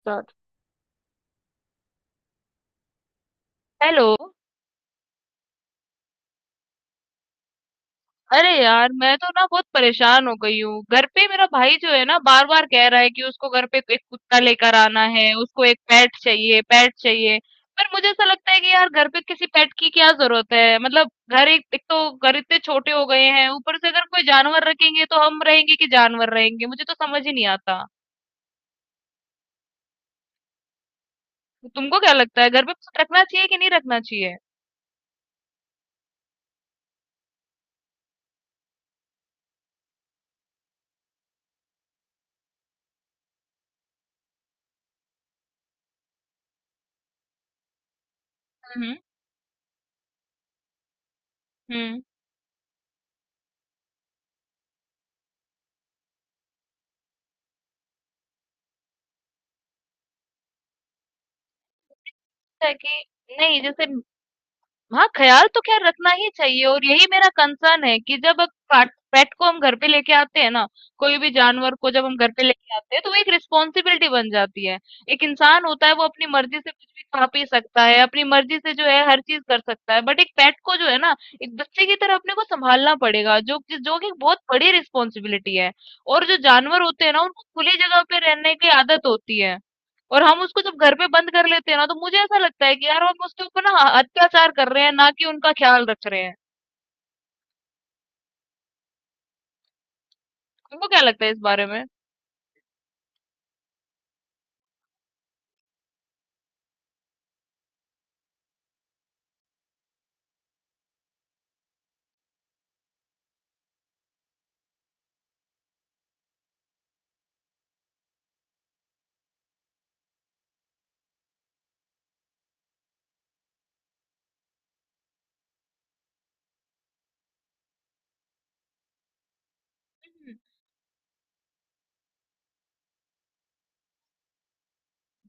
Start. Hello. अरे यार मैं तो ना बहुत परेशान हो गई हूँ। घर पे मेरा भाई जो है ना बार बार कह रहा है कि उसको घर पे एक कुत्ता लेकर आना है। उसको एक पेट चाहिए पेट चाहिए। पर मुझे ऐसा लगता है कि यार घर पे किसी पेट की क्या जरूरत है। मतलब घर एक, एक तो घर इतने छोटे हो गए हैं। ऊपर से अगर कोई जानवर रखेंगे तो हम रहेंगे कि जानवर रहेंगे, मुझे तो समझ ही नहीं आता। तुमको क्या लगता है, घर पे रखना चाहिए कि नहीं रखना चाहिए? हम्म। हम्म। है कि नहीं? जैसे, हाँ, ख्याल तो खैर रखना ही चाहिए और यही मेरा कंसर्न है कि जब पेट को हम घर पे लेके आते हैं ना, कोई भी जानवर को जब हम घर पे लेके आते हैं तो वो एक रिस्पॉन्सिबिलिटी बन जाती है। एक इंसान होता है वो अपनी मर्जी से कुछ भी खा पी सकता है, अपनी मर्जी से जो है हर चीज कर सकता है, बट एक पेट को जो है ना एक बच्चे की तरह अपने को संभालना पड़ेगा, जो कि एक बहुत बड़ी रिस्पॉन्सिबिलिटी है। और जो जानवर होते हैं ना उनको खुली जगह पे रहने की आदत होती है। और हम उसको जब घर पे बंद कर लेते हैं ना तो मुझे ऐसा लगता है कि यार हम उसके ऊपर ना अत्याचार कर रहे हैं ना कि उनका ख्याल रख रहे हैं। तुमको क्या लगता है इस बारे में?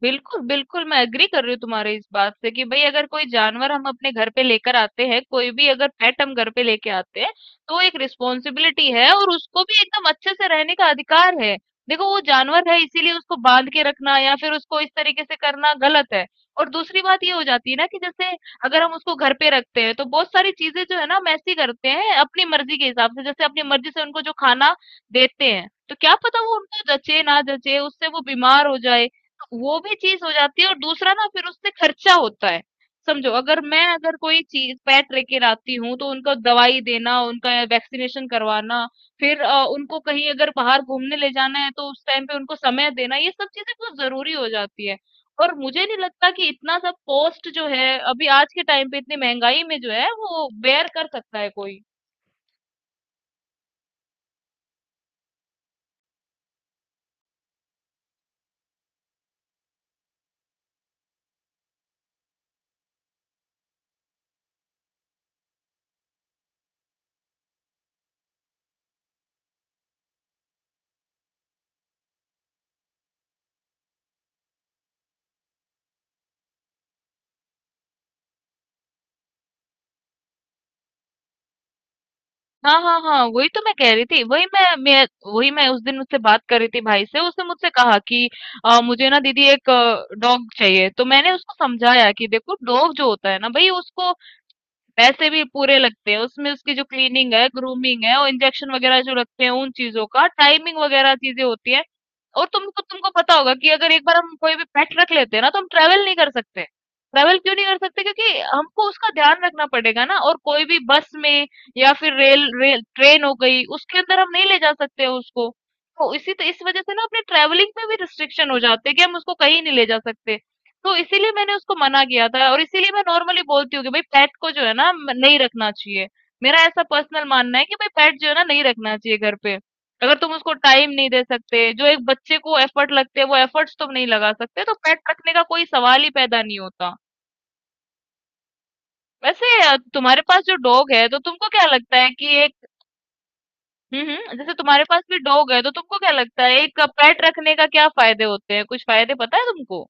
बिल्कुल, बिल्कुल, मैं एग्री कर रही हूँ तुम्हारे इस बात से कि भई अगर कोई जानवर हम अपने घर पे लेकर आते हैं, कोई भी अगर पेट हम घर पे लेके आते हैं, तो वो एक रिस्पॉन्सिबिलिटी है और उसको भी एकदम अच्छे से रहने का अधिकार है। देखो, वो जानवर है, इसीलिए उसको बांध के रखना या फिर उसको इस तरीके से करना गलत है। और दूसरी बात ये हो जाती है ना कि जैसे अगर हम उसको घर पे रखते हैं तो बहुत सारी चीजें जो है ना हम ऐसी करते हैं अपनी मर्जी के हिसाब से। जैसे अपनी मर्जी से उनको जो खाना देते हैं तो क्या पता वो उनको जचे ना जचे, उससे वो बीमार हो जाए। वो भी चीज हो जाती है। और दूसरा ना, फिर उससे खर्चा होता है। समझो अगर मैं अगर कोई चीज पेट लेके आती हूँ तो उनको दवाई देना, उनका वैक्सीनेशन करवाना, फिर उनको कहीं अगर बाहर घूमने ले जाना है तो उस टाइम पे उनको समय देना, ये सब चीजें बहुत जरूरी हो जाती है। और मुझे नहीं लगता कि इतना सब कॉस्ट जो है अभी आज के टाइम पे इतनी महंगाई में जो है वो बेयर कर सकता है कोई। हाँ, हाँ, हाँ, वही तो मैं कह रही थी। वही मैं वही मैं उस दिन उससे बात कर रही थी भाई से। उसने मुझसे कहा कि मुझे ना दीदी एक डॉग चाहिए। तो मैंने उसको समझाया कि देखो डॉग जो होता है ना भाई, उसको पैसे भी पूरे लगते हैं उसमें। उसकी जो क्लीनिंग है, ग्रूमिंग है, और इंजेक्शन वगैरह जो लगते हैं उन चीजों का टाइमिंग वगैरह चीजें होती है। और तुमको तुमको पता होगा कि अगर एक बार हम कोई भी पेट रख लेते हैं ना तो हम ट्रेवल नहीं कर सकते। ट्रेवल क्यों नहीं कर सकते? क्योंकि हमको उसका ध्यान रखना पड़ेगा ना, और कोई भी बस में या फिर रेल रेल ट्रेन हो गई, उसके अंदर हम नहीं ले जा सकते हैं उसको। तो इसी तो इस वजह से ना अपने ट्रेवलिंग पे भी रिस्ट्रिक्शन हो जाते हैं कि हम उसको कहीं नहीं ले जा सकते। तो इसीलिए मैंने उसको मना किया था और इसीलिए मैं नॉर्मली बोलती हूँ कि भाई पेट को जो है ना नहीं रखना चाहिए। मेरा ऐसा पर्सनल मानना है कि भाई पेट जो है ना नहीं रखना चाहिए घर पे। अगर तुम उसको टाइम नहीं दे सकते, जो एक बच्चे को एफर्ट लगते हैं वो एफर्ट्स तुम नहीं लगा सकते, तो पेट रखने का कोई सवाल ही पैदा नहीं होता। वैसे तुम्हारे पास जो डॉग है तो तुमको क्या लगता है कि एक, हम्म, जैसे तुम्हारे पास भी डॉग है तो तुमको क्या लगता है एक पेट रखने का क्या फायदे होते हैं? कुछ फायदे पता है तुमको?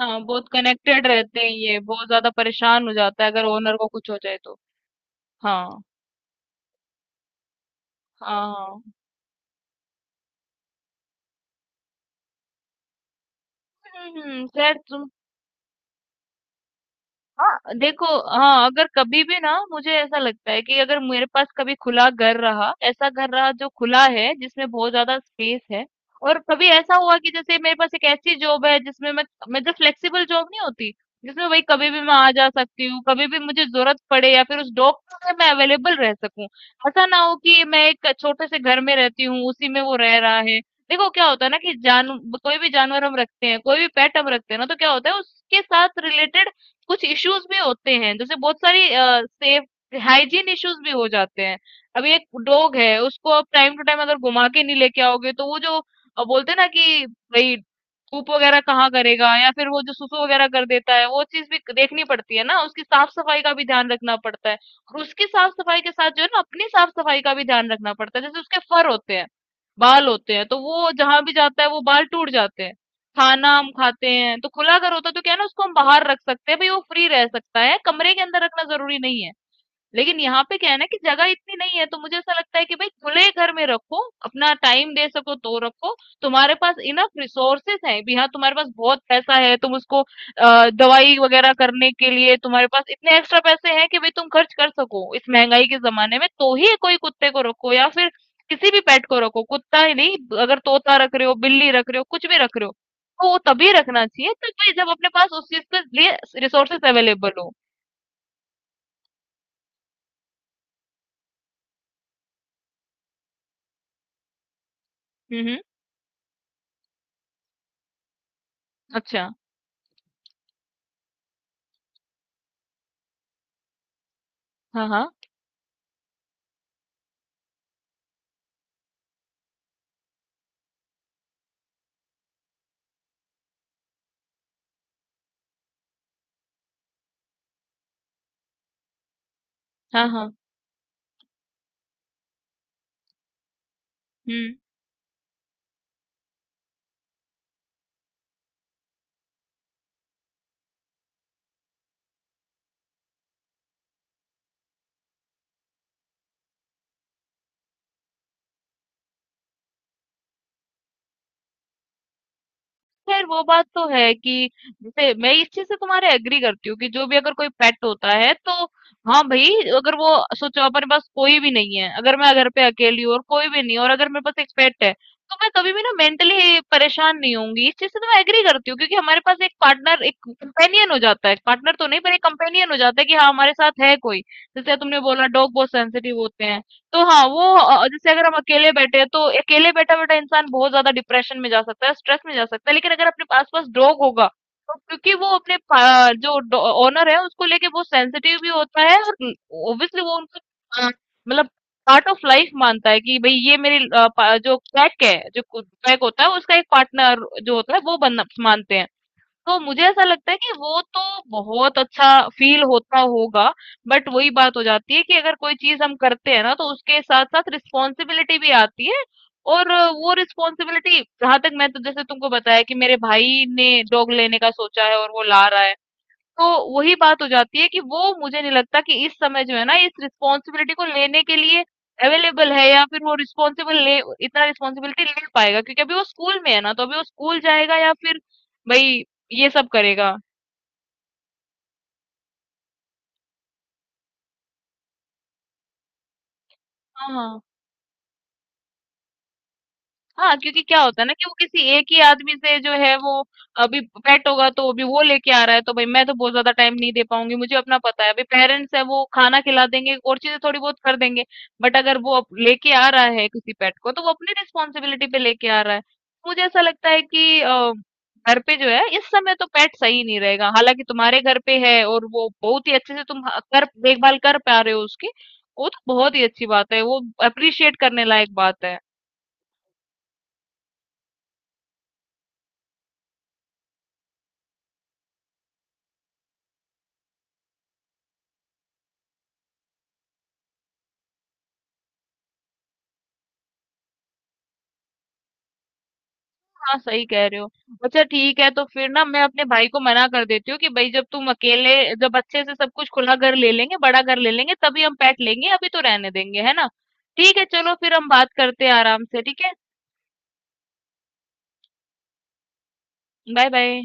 हाँ, बहुत कनेक्टेड रहते हैं, ये बहुत ज्यादा परेशान हो जाता है अगर ओनर को कुछ हो जाए तो। हाँ। हाँ, हाँ। हम्म, खैर तुम, हाँ, देखो, हाँ, अगर कभी भी ना मुझे ऐसा लगता है कि अगर मेरे पास कभी खुला घर रहा, ऐसा घर रहा जो खुला है जिसमें बहुत ज्यादा स्पेस है, और कभी ऐसा हुआ कि जैसे मेरे पास एक ऐसी जॉब है जिसमें मैं, जो फ्लेक्सिबल जॉब नहीं होती जिसमें भाई कभी भी मैं आ जा सकती हूँ, कभी भी मुझे जरूरत पड़े या फिर उस जॉब में मैं अवेलेबल रह सकूं। ऐसा ना हो कि मैं एक छोटे से घर में रहती हूँ उसी में वो रह रहा है। देखो क्या होता है ना कि जान, कोई भी जानवर हम रखते हैं, कोई भी पेट हम रखते हैं ना तो क्या होता है, उसके साथ रिलेटेड कुछ इश्यूज भी होते हैं। जैसे बहुत सारी सेफ, हाइजीन इश्यूज भी हो जाते हैं। अभी एक डॉग है, उसको आप टाइम टू टाइम अगर घुमा के नहीं लेके आओगे तो वो जो बोलते हैं ना कि भाई धूप वगैरह कहाँ करेगा, या फिर वो जो सुसु वगैरह कर देता है, वो चीज भी देखनी पड़ती है ना। उसकी साफ सफाई का भी ध्यान रखना पड़ता है, और उसकी साफ सफाई के साथ जो है ना अपनी साफ सफाई का भी ध्यान रखना पड़ता है। जैसे उसके फर होते हैं, बाल होते हैं, तो वो जहां भी जाता है वो बाल टूट जाते हैं। खाना हम खाते हैं, तो खुला अगर होता तो क्या है ना, उसको हम बाहर रख सकते हैं, भाई वो फ्री रह सकता है, कमरे के अंदर रखना जरूरी नहीं है। लेकिन यहाँ पे क्या है ना कि जगह इतनी नहीं है। तो मुझे ऐसा लगता है कि भाई खुले घर में रखो, अपना टाइम दे सको तो रखो, तुम्हारे पास इनफ रिसोर्सेस हैं भी, हाँ तुम्हारे पास बहुत पैसा है, तुम उसको दवाई वगैरह करने के लिए तुम्हारे पास इतने एक्स्ट्रा पैसे हैं कि भाई तुम खर्च कर सको, इस महंगाई के जमाने में तो ही कोई कुत्ते को रखो। या फिर किसी भी पेट को रखो, कुत्ता ही नहीं, अगर तोता रख रहे हो, बिल्ली रख रहे हो, कुछ भी रख रहे हो, तो वो तभी रखना चाहिए, तो भाई जब अपने पास उस चीज के लिए रिसोर्सेस अवेलेबल हो। हम्म, अच्छा, हाँ, हाँ, हाँ, हाँ, हुँ। खैर वो बात तो है कि जैसे मैं इस चीज़ से तुम्हारे एग्री करती हूँ कि जो भी अगर कोई पेट होता है तो, हाँ भाई, अगर वो, सोचो अपने पास कोई भी नहीं है, अगर मैं घर पे अकेली हूँ और कोई भी नहीं है और अगर मेरे पास एक पेट है, तो मैं कभी भी ना मेंटली परेशान नहीं होऊंगी। इस चीज़ से तो मैं एग्री करती हूँ क्योंकि हमारे पास एक पार्टनर, एक कंपेनियन हो जाता है, पार्टनर तो नहीं पर एक कंपेनियन हो जाता है कि हाँ हमारे साथ है कोई। जैसे तुमने बोला डॉग बहुत सेंसिटिव होते हैं। तो हाँ, वो जैसे अगर हम अकेले बैठे हैं तो अकेले बैठा बैठा इंसान बहुत ज्यादा डिप्रेशन में जा सकता है, स्ट्रेस में जा सकता है, लेकिन अगर अपने आसपास डॉग होगा तो, क्योंकि वो अपने जो ओनर है उसको लेके बहुत सेंसिटिव भी होता है, और ऑब्वियसली वो उनका अ, मतलब पार्ट ऑफ लाइफ मानता है कि भाई ये मेरी जो पैक है, जो पैक होता है उसका एक पार्टनर जो होता है वो बनना मानते हैं। तो मुझे ऐसा लगता है कि वो तो बहुत अच्छा फील होता होगा। बट वही बात हो जाती है कि अगर कोई चीज हम करते हैं ना तो उसके साथ साथ रिस्पॉन्सिबिलिटी भी आती है। और वो रिस्पॉन्सिबिलिटी, जहां तक मैं, तो जैसे तुमको बताया कि मेरे भाई ने डॉग लेने का सोचा है और वो ला रहा है, तो वही बात हो जाती है कि वो, मुझे नहीं लगता कि इस समय जो है ना इस रिस्पॉन्सिबिलिटी को लेने के लिए अवेलेबल है, या फिर वो रिस्पॉन्सिबल, ले, इतना रिस्पॉन्सिबिलिटी ले पाएगा। क्योंकि अभी वो स्कूल में है ना, तो अभी वो स्कूल जाएगा या फिर भाई ये सब करेगा। हाँ, हाँ, क्योंकि क्या होता है ना कि वो किसी एक ही आदमी से जो है वो, अभी पेट होगा तो अभी वो लेके आ रहा है तो भाई मैं तो बहुत ज्यादा टाइम नहीं दे पाऊंगी, मुझे अपना पता है, अभी पेरेंट्स है वो खाना खिला देंगे और चीजें थोड़ी बहुत कर देंगे। बट अगर वो अब लेके आ रहा है किसी पेट को तो वो अपनी रिस्पॉन्सिबिलिटी पे लेके आ रहा है। मुझे ऐसा लगता है कि घर पे जो है इस समय तो पेट सही नहीं रहेगा। हालांकि तुम्हारे घर पे है और वो बहुत ही अच्छे से तुम कर, देखभाल कर पा रहे हो उसकी, वो तो बहुत ही अच्छी बात है, वो अप्रिशिएट करने लायक बात है। हाँ, सही कह रहे हो। अच्छा ठीक है, तो फिर ना मैं अपने भाई को मना कर देती हूँ कि भाई जब तुम अकेले, जब अच्छे से सब कुछ खुला घर ले लेंगे, बड़ा घर ले लेंगे तभी हम पेट लेंगे, अभी तो रहने देंगे, है ना। ठीक है, चलो फिर हम बात करते हैं आराम से, ठीक है। Bye bye.